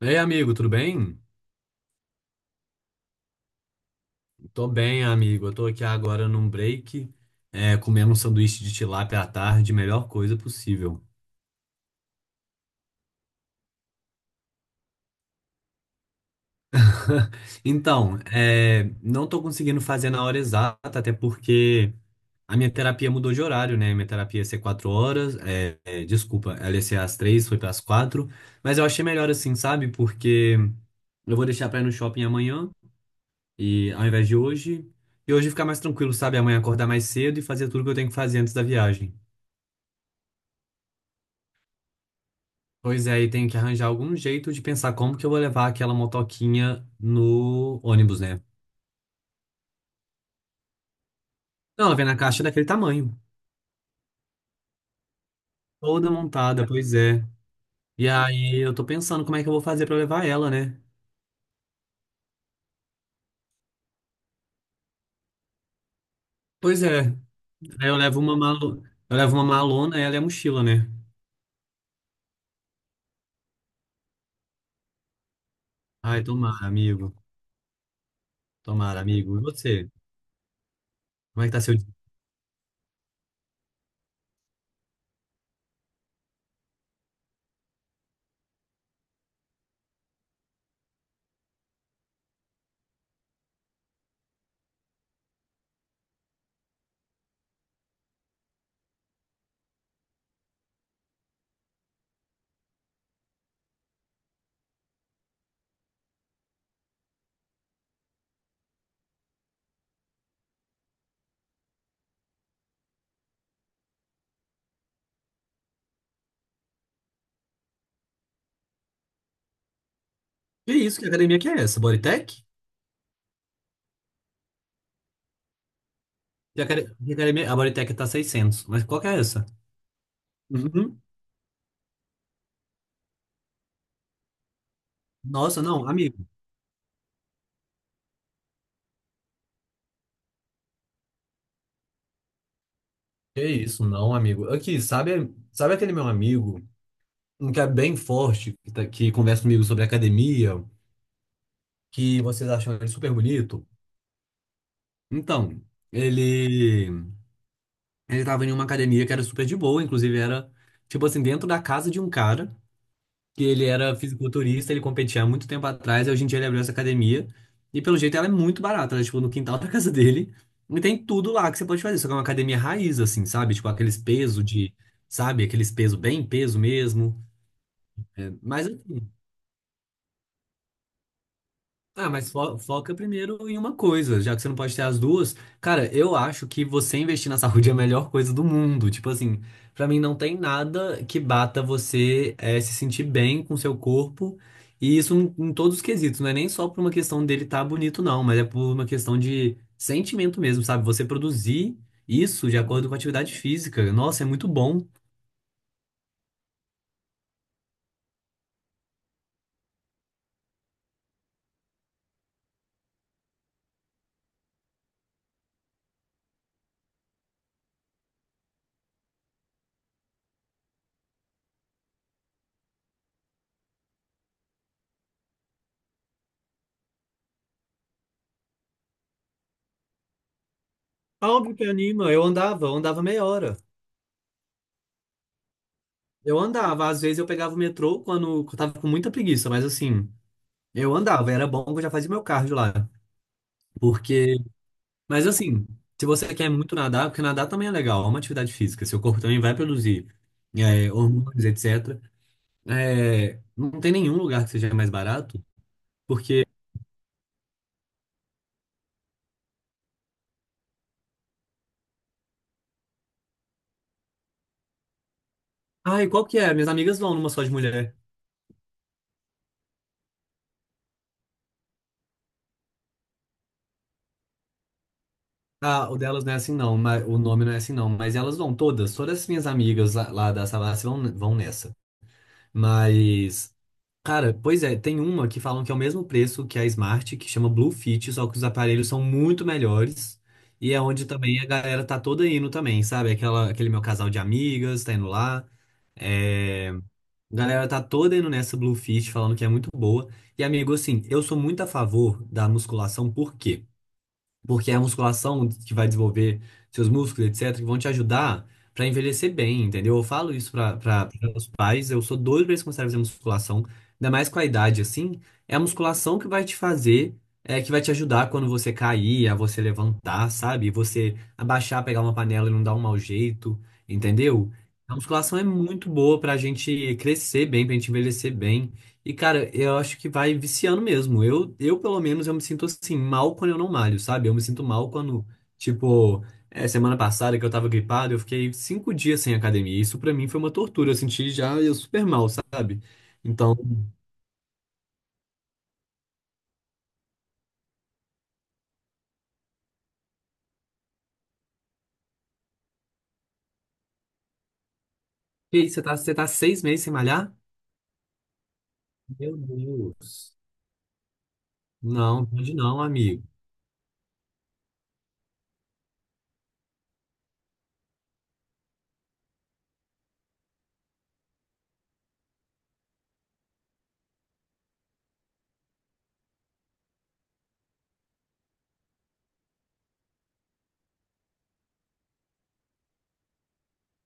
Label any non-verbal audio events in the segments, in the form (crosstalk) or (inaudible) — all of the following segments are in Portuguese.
Ei, amigo, tudo bem? Tô bem, amigo. Eu tô aqui agora num break, comendo um sanduíche de tilápia à tarde, melhor coisa possível. (laughs) Então, não tô conseguindo fazer na hora exata, até porque a minha terapia mudou de horário, né? Minha terapia ia ser 4 horas, desculpa, ela ia ser às três, foi para as quatro, mas eu achei melhor assim, sabe? Porque eu vou deixar pra ir no shopping amanhã, e ao invés de hoje, e hoje ficar mais tranquilo, sabe? Amanhã acordar mais cedo e fazer tudo que eu tenho que fazer antes da viagem. Pois é, e tenho que arranjar algum jeito de pensar como que eu vou levar aquela motoquinha no ônibus, né? Não, ela vem na caixa daquele tamanho, toda montada, pois é. E aí eu tô pensando como é que eu vou fazer pra levar ela, né? Pois é. Aí eu levo eu levo uma malona, ela é a mochila, né? Ai, tomara, amigo. Tomara, amigo. E você? Como é que tá seu dia? Que isso? Que academia que é essa? Bodytech? Que academia... A Bodytech tá 600, mas qual que é essa? Uhum. Nossa, não, amigo. Que isso, não, amigo. Aqui, sabe, sabe aquele meu amigo, um que é bem forte, que conversa comigo sobre academia, que vocês acham ele super bonito? Então, ele ele tava em uma academia que era super de boa, inclusive era, tipo assim, dentro da casa de um cara, que ele era fisiculturista, ele competia há muito tempo atrás, e hoje em dia ele abriu essa academia, e pelo jeito ela é muito barata, ela é, tipo, no quintal da (laughs) casa dele, e tem tudo lá que você pode fazer, só que é uma academia raiz, assim, sabe? Tipo, aqueles pesos de, sabe? Aqueles pesos bem peso mesmo. É, mas assim, ah, mas foca primeiro em uma coisa, já que você não pode ter as duas. Cara, eu acho que você investir na saúde é a melhor coisa do mundo. Tipo assim, pra mim não tem nada que bata você se sentir bem com seu corpo. E isso em todos os quesitos, não é nem só por uma questão dele estar bonito, não, mas é por uma questão de sentimento mesmo, sabe? Você produzir isso de acordo com a atividade física. Nossa, é muito bom. Óbvio que anima. Eu andava meia hora. Eu andava, às vezes eu pegava o metrô quando eu tava com muita preguiça, mas assim, eu andava, era bom que eu já fazia meu cardio lá. Porque, mas assim, se você quer muito nadar, porque nadar também é legal, é uma atividade física, seu corpo também vai produzir hormônios, etc. É, não tem nenhum lugar que seja mais barato, porque, ai, qual que é? Minhas amigas vão numa só de mulher. Ah, o delas não é assim não, mas o nome não é assim não, mas elas vão todas, todas as minhas amigas lá da Savassi vão nessa. Mas, cara, pois é, tem uma que falam que é o mesmo preço que a Smart, que chama Blue Fit, só que os aparelhos são muito melhores. E é onde também a galera tá toda indo também, sabe? Aquele meu casal de amigas tá indo lá. É... A galera tá toda indo nessa Blue Fit, falando que é muito boa. E, amigo, assim, eu sou muito a favor da musculação, porque é a musculação que vai desenvolver seus músculos, etc., que vão te ajudar para envelhecer bem, entendeu? Eu falo isso para os pais, eu sou doido para eles começarem a fazer musculação, ainda mais com a idade assim. É a musculação que vai te fazer, que vai te ajudar quando você cair, a você levantar, sabe? Você abaixar, pegar uma panela e não dar um mau jeito, entendeu? A musculação é muito boa para a gente crescer bem, para a gente envelhecer bem. E, cara, eu acho que vai viciando mesmo. Eu, pelo menos, eu me sinto assim mal quando eu não malho, sabe? Eu me sinto mal quando, tipo, semana passada, que eu tava gripado, eu fiquei 5 dias sem academia. Isso pra mim foi uma tortura. Eu senti já eu super mal, sabe? Então, e aí, você tá 6 meses sem malhar? Meu Deus. Não, pode não, amigo.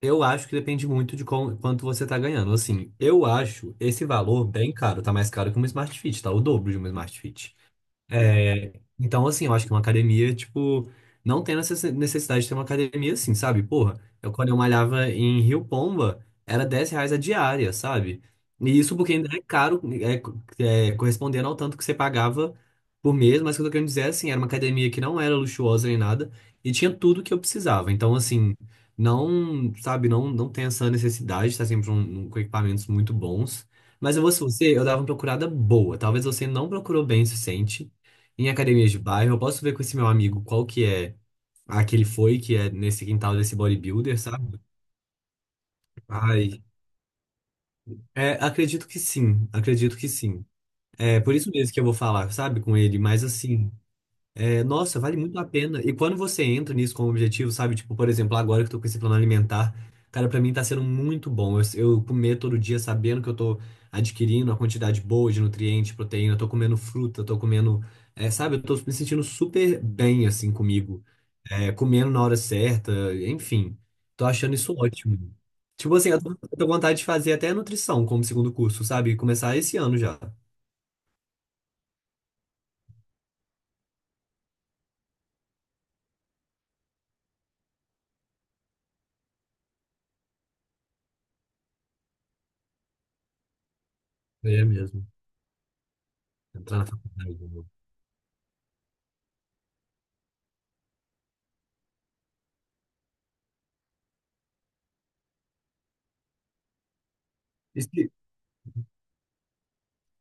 Eu acho que depende muito de quanto você tá ganhando. Assim, eu acho esse valor bem caro. Tá mais caro que um Smart Fit, tá? O dobro de um Smart Fit. É, então, assim, eu acho que uma academia, tipo, não tem necessidade de ter uma academia assim, sabe? Porra, eu quando eu malhava em Rio Pomba, era 10 reais a diária, sabe? E isso porque ainda é caro, correspondendo ao tanto que você pagava por mês, mas o que eu tô querendo dizer é assim, era uma academia que não era luxuosa nem nada, e tinha tudo que eu precisava. Então, assim, não, sabe, não, não tem essa necessidade de estar sempre com equipamentos muito bons. Mas eu vou, se você, eu dava uma procurada boa. Talvez você não procurou bem o suficiente. Em academias de bairro, eu posso ver com esse meu amigo qual que é a que ele foi, que é nesse quintal desse bodybuilder, sabe? Ai. É, acredito que sim, acredito que sim. É por isso mesmo que eu vou falar, sabe, com ele, mas assim, nossa, vale muito a pena. E quando você entra nisso como objetivo, sabe, tipo, por exemplo, agora que eu tô com esse plano alimentar, cara, pra mim tá sendo muito bom. Eu comer todo dia sabendo que eu tô adquirindo a quantidade boa de nutriente, proteína, eu tô comendo fruta, eu tô comendo, sabe, eu tô me sentindo super bem, assim, comigo. Comendo na hora certa, enfim. Tô achando isso ótimo. Tipo assim, eu tô com vontade de fazer até nutrição como segundo curso, sabe? Começar esse ano já. É mesmo. Entrar na faculdade. Né?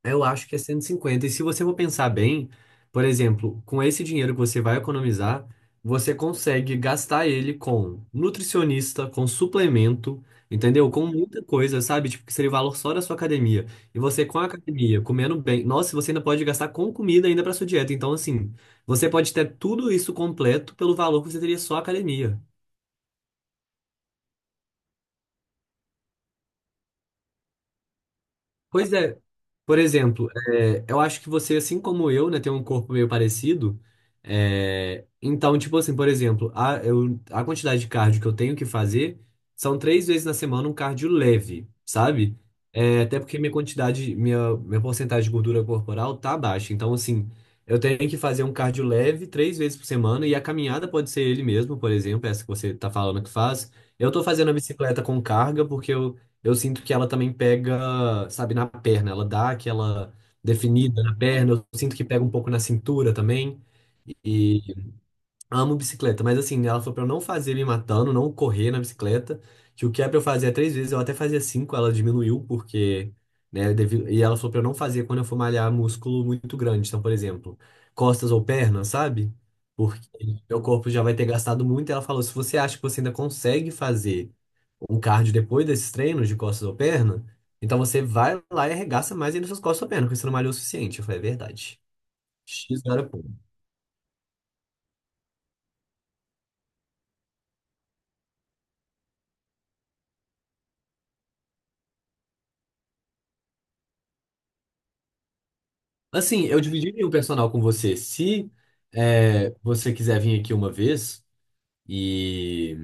Eu acho que é 150. E 50. E se você for pensar bem, por exemplo, com esse dinheiro que você vai economizar, você consegue gastar ele com nutricionista, com suplemento, entendeu? Com muita coisa, sabe? Tipo, que seria o valor só da sua academia. E você com a academia, comendo bem, nossa, você ainda pode gastar com comida ainda para sua dieta. Então, assim, você pode ter tudo isso completo pelo valor que você teria só a academia. Pois é, por exemplo, eu acho que você, assim como eu, né, tem um corpo meio parecido. É, então, tipo assim, por exemplo, a quantidade de cardio que eu tenho que fazer são três vezes na semana, um cardio leve, sabe? É, até porque minha porcentagem de gordura corporal tá baixa. Então, assim, eu tenho que fazer um cardio leve três vezes por semana, e a caminhada pode ser ele mesmo, por exemplo, essa que você tá falando que faz. Eu tô fazendo a bicicleta com carga porque eu sinto que ela também pega, sabe, na perna. Ela dá aquela definida na perna. Eu sinto que pega um pouco na cintura também. Amo bicicleta, mas assim, ela falou pra eu não fazer me matando, não correr na bicicleta, que o que é pra eu fazer é três vezes, eu até fazia cinco, ela diminuiu, porque, né, e ela falou pra eu não fazer quando eu for malhar músculo muito grande, então, por exemplo, costas ou pernas, sabe? Porque meu corpo já vai ter gastado muito, e ela falou, se você acha que você ainda consegue fazer um cardio depois desses treinos de costas ou perna, então você vai lá e arregaça mais ainda suas costas ou pernas, porque você não malhou o suficiente. Eu falei, é verdade. X Assim, eu dividiria o personal com você. Se você quiser vir aqui uma vez, e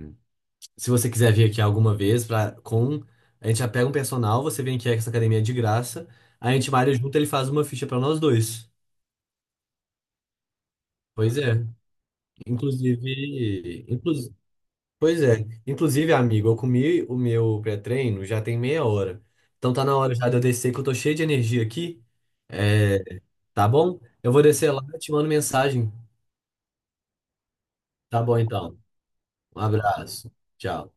se você quiser vir aqui alguma vez, pra, com, a gente já pega um personal, você vem aqui, a essa academia é de graça, a gente malha junto, ele faz uma ficha pra nós dois. Pois é. Inclusive, pois é. Inclusive, amigo, eu comi o meu pré-treino já tem meia hora. Então tá na hora já de eu descer, que eu tô cheio de energia aqui. É, tá bom? Eu vou descer lá e te mando mensagem. Tá bom, então. Um abraço. Tchau.